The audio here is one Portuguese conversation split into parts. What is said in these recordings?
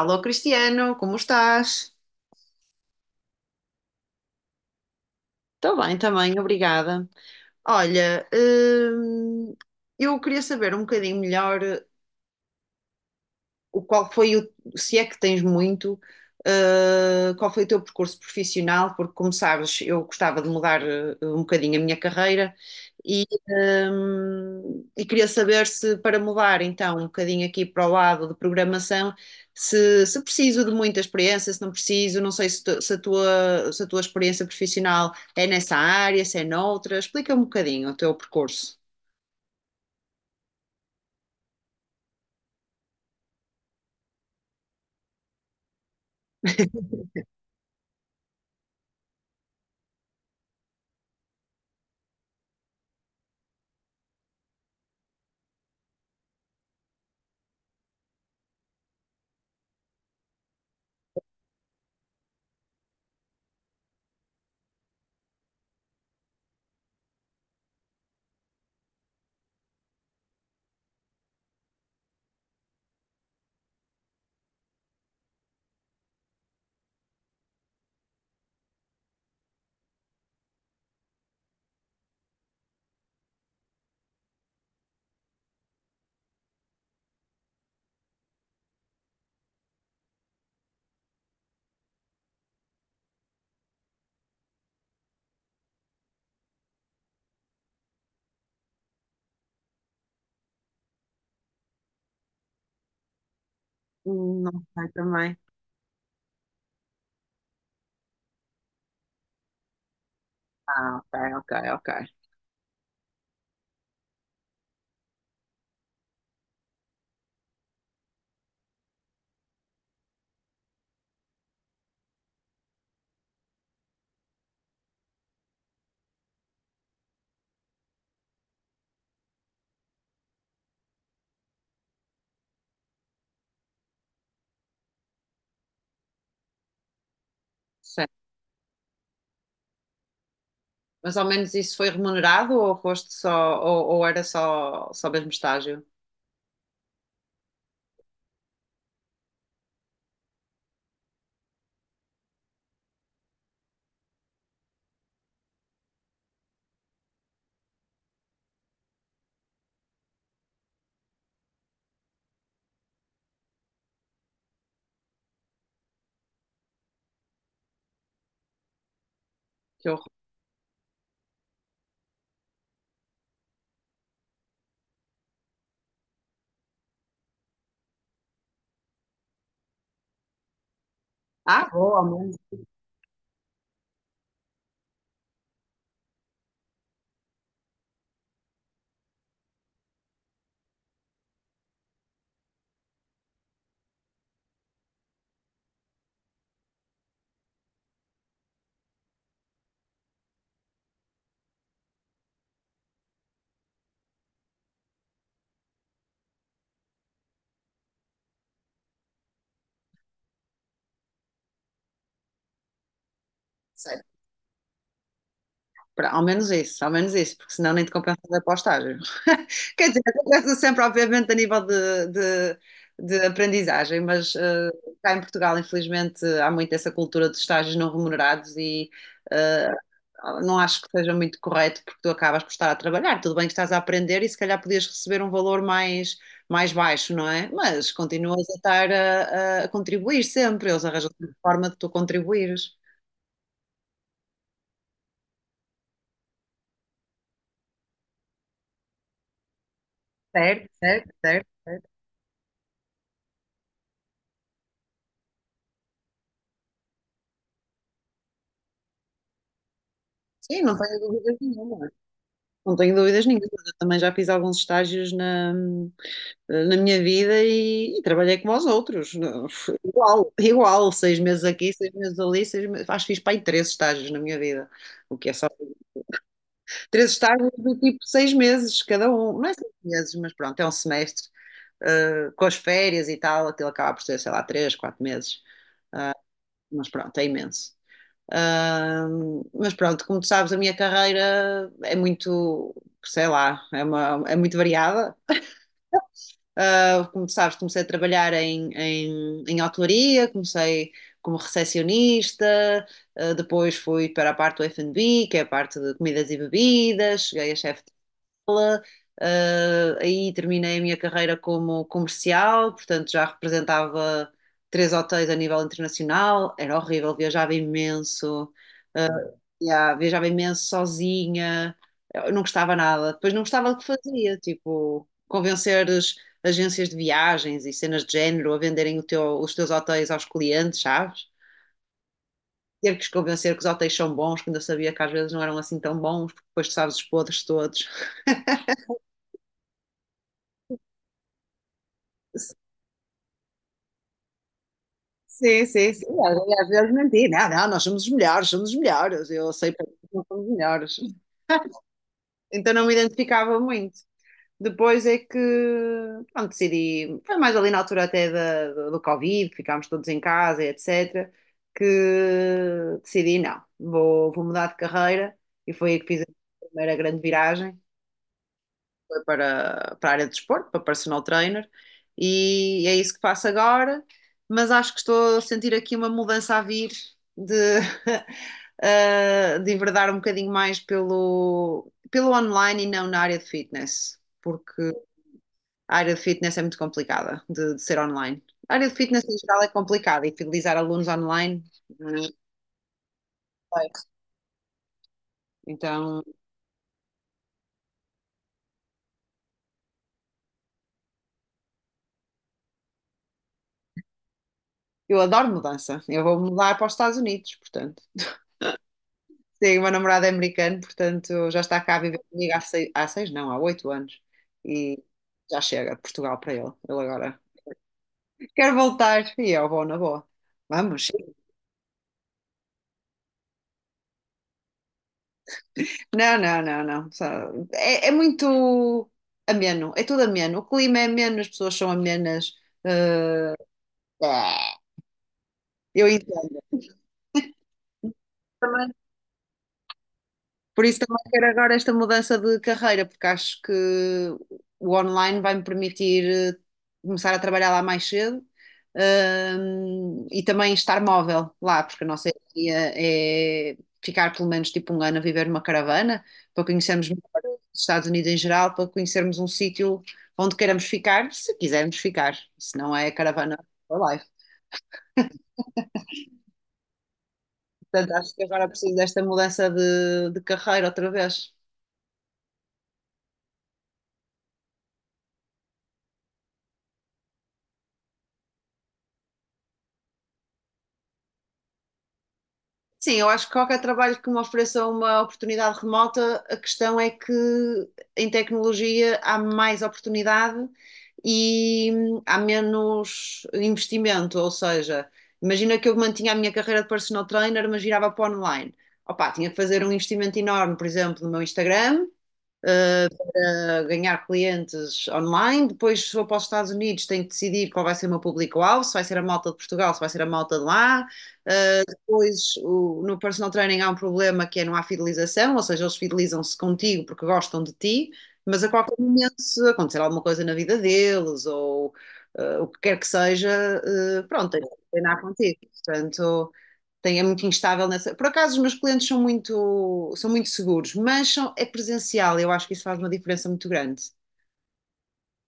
Alô, Cristiano, como estás? Estou bem também, obrigada. Olha, eu queria saber um bocadinho melhor. O qual foi o, se é que tens muito, qual foi o teu percurso profissional, porque como sabes, eu gostava de mudar um bocadinho a minha carreira e e queria saber se para mudar então um bocadinho aqui para o lado de programação, se preciso de muita experiência, se não preciso, não sei se a tua experiência profissional é nessa área, se é noutra, explica um bocadinho o teu percurso. Não sei também. Ah, ok, ok, ok. Mas ao menos isso foi remunerado ou foste só, ou era só mesmo estágio? Que horror. Ah, boa, ao menos. Ao menos isso, porque senão nem te compensa ir para o estágio. Quer dizer, compensa sempre, obviamente, a nível de aprendizagem, mas cá em Portugal, infelizmente, há muito essa cultura dos estágios não remunerados e eh, não acho que seja muito correto, porque tu acabas por estar a trabalhar. Tudo bem que estás a aprender e se calhar podias receber um valor mais baixo, não é? Mas continuas a estar a contribuir sempre, eles arranjam sempre forma de tu contribuires. Certo, certo, certo. Sim, não tenho dúvidas nenhuma. Não tenho dúvidas nenhuma. Eu também já fiz alguns estágios na minha vida e trabalhei como os outros. Não, igual, igual. 6 meses aqui, 6 meses ali, 6 meses. Acho que fiz para aí três estágios na minha vida. O que é só. Três estágios do tipo 6 meses cada um. Não é 6 meses, mas pronto, é um semestre. Ah, com as férias e tal, aquilo acaba por ser, sei lá, três, quatro meses. Mas pronto, é imenso. Mas pronto, como tu sabes, a minha carreira é muito, sei lá, é muito variada. Ah, como tu sabes, comecei a trabalhar em hotelaria, comecei como recepcionista, ah, depois fui para a parte do F&B, que é a parte de comidas e bebidas, cheguei a chefe. Ah, aí terminei a minha carreira como comercial, portanto já representava três hotéis a nível internacional, era horrível, viajava imenso. ah, já, viajava imenso sozinha, eu não gostava nada. Depois não gostava do que fazia, tipo, convencer as agências de viagens e cenas de género a venderem os teus hotéis aos clientes, sabes? Ter que os convencer que os hotéis são bons, quando eu sabia que às vezes não eram assim tão bons, porque depois tu sabes os podres todos. Sim, sim, sim. Às vezes menti. Não, não, nós somos os melhores, somos os melhores. Eu sei porque não somos os melhores. Então não me identificava muito. Depois é que, pronto, decidi, foi mais ali na altura até do Covid, ficámos todos em casa, e etc., que decidi, não, vou, vou mudar de carreira e foi aí que fiz a primeira grande viragem, foi para a área de desporto, para personal trainer, e é isso que faço agora, mas acho que estou a sentir aqui uma mudança a vir de, de enverdar um bocadinho mais pelo online e não na área de fitness. Porque a área de fitness é muito complicada de ser online. A área de fitness em geral é complicada e fidelizar alunos online não é complexo. Então, eu adoro mudança. Eu vou mudar para os Estados Unidos, portanto. Sim, o meu namorado é americano, portanto, já está cá a viver comigo há seis não, há 8 anos. E já chega de Portugal para ele. Ele agora quer voltar e eu vou na boa. Vamos. Não, não, não, não. É muito ameno, é tudo ameno. O clima é ameno, as pessoas são amenas. eh, É, eu entendo. Também- Por isso também quero agora esta mudança de carreira, porque acho que o online vai-me permitir eh, começar a trabalhar lá mais cedo, e também estar móvel lá, porque a nossa ideia é ficar pelo menos tipo um ano a viver numa caravana, para conhecermos melhor os Estados Unidos em geral, para conhecermos um sítio onde queiramos ficar, se quisermos ficar, se não é caravana for life. Portanto, acho que agora preciso desta mudança de carreira outra vez. Sim, eu acho que qualquer trabalho que me ofereça uma oportunidade remota, a questão é que em tecnologia há mais oportunidade e há menos investimento. Ou seja, imagina que eu mantinha a minha carreira de personal trainer, mas girava para online. Opa, tinha que fazer um investimento enorme, por exemplo, no meu Instagram, para ganhar clientes online. Depois, se vou para os Estados Unidos, tenho que decidir qual vai ser o meu público-alvo, se vai ser a malta de Portugal, se vai ser a malta de lá. Depois, no personal training há um problema que é não há fidelização, ou seja, eles fidelizam-se contigo porque gostam de ti, mas a qualquer momento, se acontecer alguma coisa na vida deles ou o que quer que seja, pronto, tens que treinar contigo. Portanto, tem, é muito instável nessa. Por acaso, os meus clientes são muito seguros, mas é presencial, eu acho que isso faz uma diferença muito grande.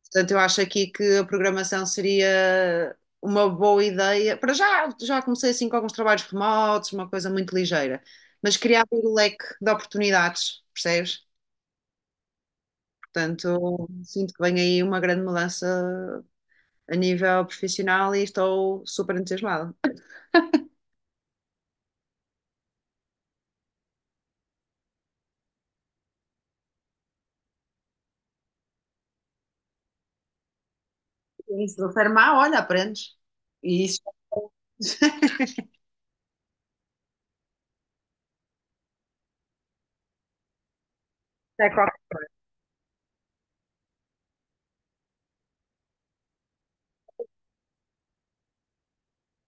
Portanto, eu acho aqui que a programação seria uma boa ideia. Para já, já comecei assim com alguns trabalhos remotos, uma coisa muito ligeira, mas queria abrir o leque de oportunidades, percebes? Portanto, sinto que vem aí uma grande mudança a nível profissional e estou super entusiasmada. E se não for má, olha, aprendes. E isso. é qualquer-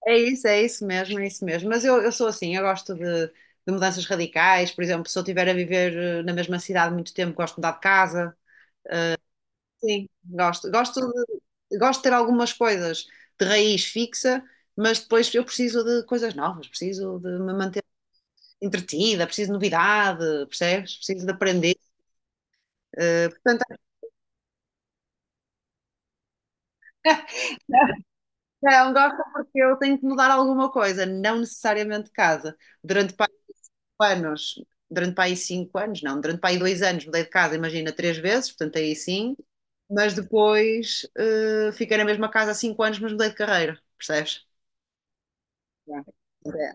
É isso, é isso mesmo, é isso mesmo. Mas eu sou assim, eu gosto de mudanças radicais. Por exemplo, se eu estiver a viver na mesma cidade muito tempo, gosto de mudar de casa. Sim, gosto. Gosto de ter algumas coisas de raiz fixa, mas depois eu preciso de coisas novas, preciso de me manter entretida, preciso de novidade, percebes? Preciso de aprender. Portanto, não gosto porque eu tenho que mudar alguma coisa, não necessariamente de casa. Durante pá, anos, durante pá, aí 5 anos, não, durante pá, aí 2 anos mudei de casa, imagina, três vezes, portanto aí sim, mas depois fiquei na mesma casa há 5 anos, mas mudei de carreira, percebes? Yeah.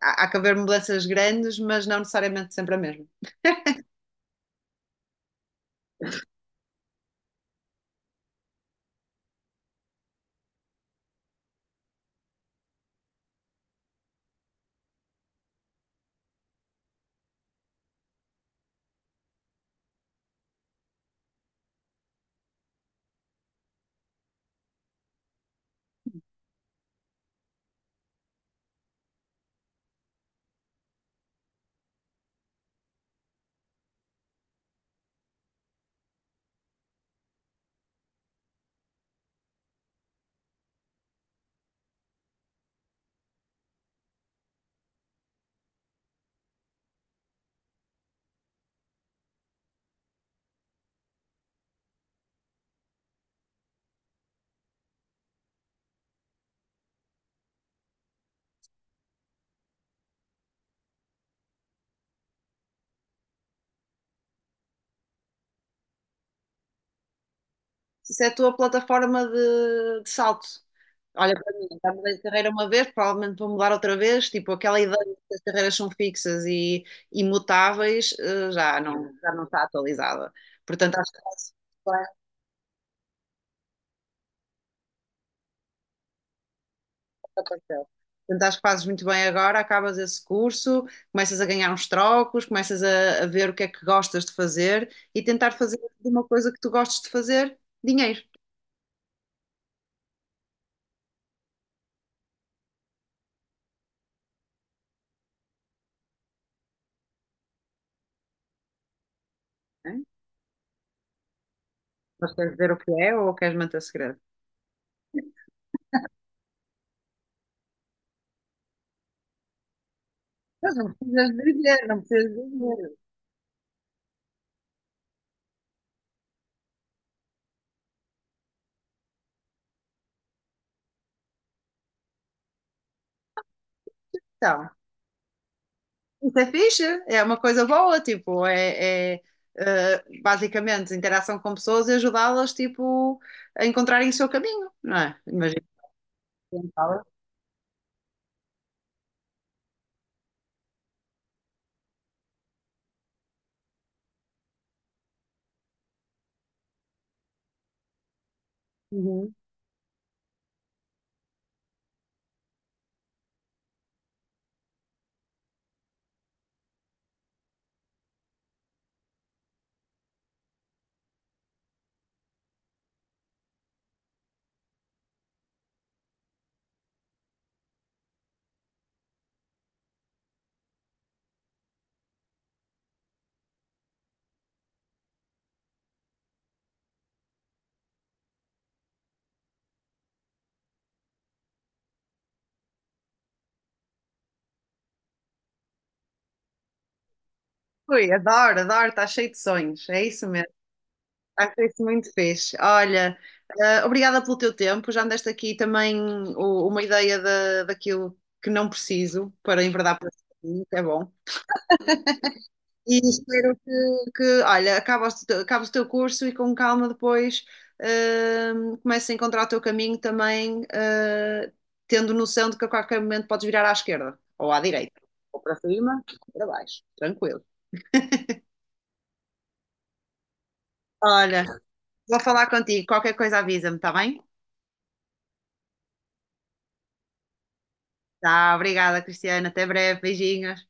Há que haver mudanças grandes, mas não necessariamente sempre a mesma. Isso é a tua plataforma de salto. Olha, para mim, já mudei de carreira uma vez, provavelmente vou mudar outra vez. Tipo, aquela ideia de que as carreiras são fixas e imutáveis, já não está atualizada. Portanto, acho que fazes bem o que aconteceu. Portanto, acho que fazes muito bem agora, acabas esse curso, começas a ganhar uns trocos, começas a ver o que é que gostas de fazer e tentar fazer de uma coisa que tu gostes de fazer dinheiro. Né? Mas queres dizer o que é ou queres manter segredo? Não precisas dizer, não precisas dizer. Então, isso é fixe, é uma coisa boa, tipo, basicamente interação com pessoas e ajudá-las, tipo, a encontrarem o seu caminho, não é? Imagina. Uhum. Ui, adoro, adoro, está cheio de sonhos, é isso mesmo. Acho isso muito fixe. Olha, obrigada pelo teu tempo, já me deste aqui também uma ideia da daquilo que não preciso para enverdar para esse caminho, que é bom. E espero que, olha, acaba o teu curso e com calma depois comeces a encontrar o teu caminho também, tendo noção de que a qualquer momento podes virar à esquerda ou à direita, ou para cima, ou para baixo, tranquilo. Olha, vou falar contigo, qualquer coisa avisa-me, está bem? Tá, obrigada, Cristiana, até breve, beijinhos.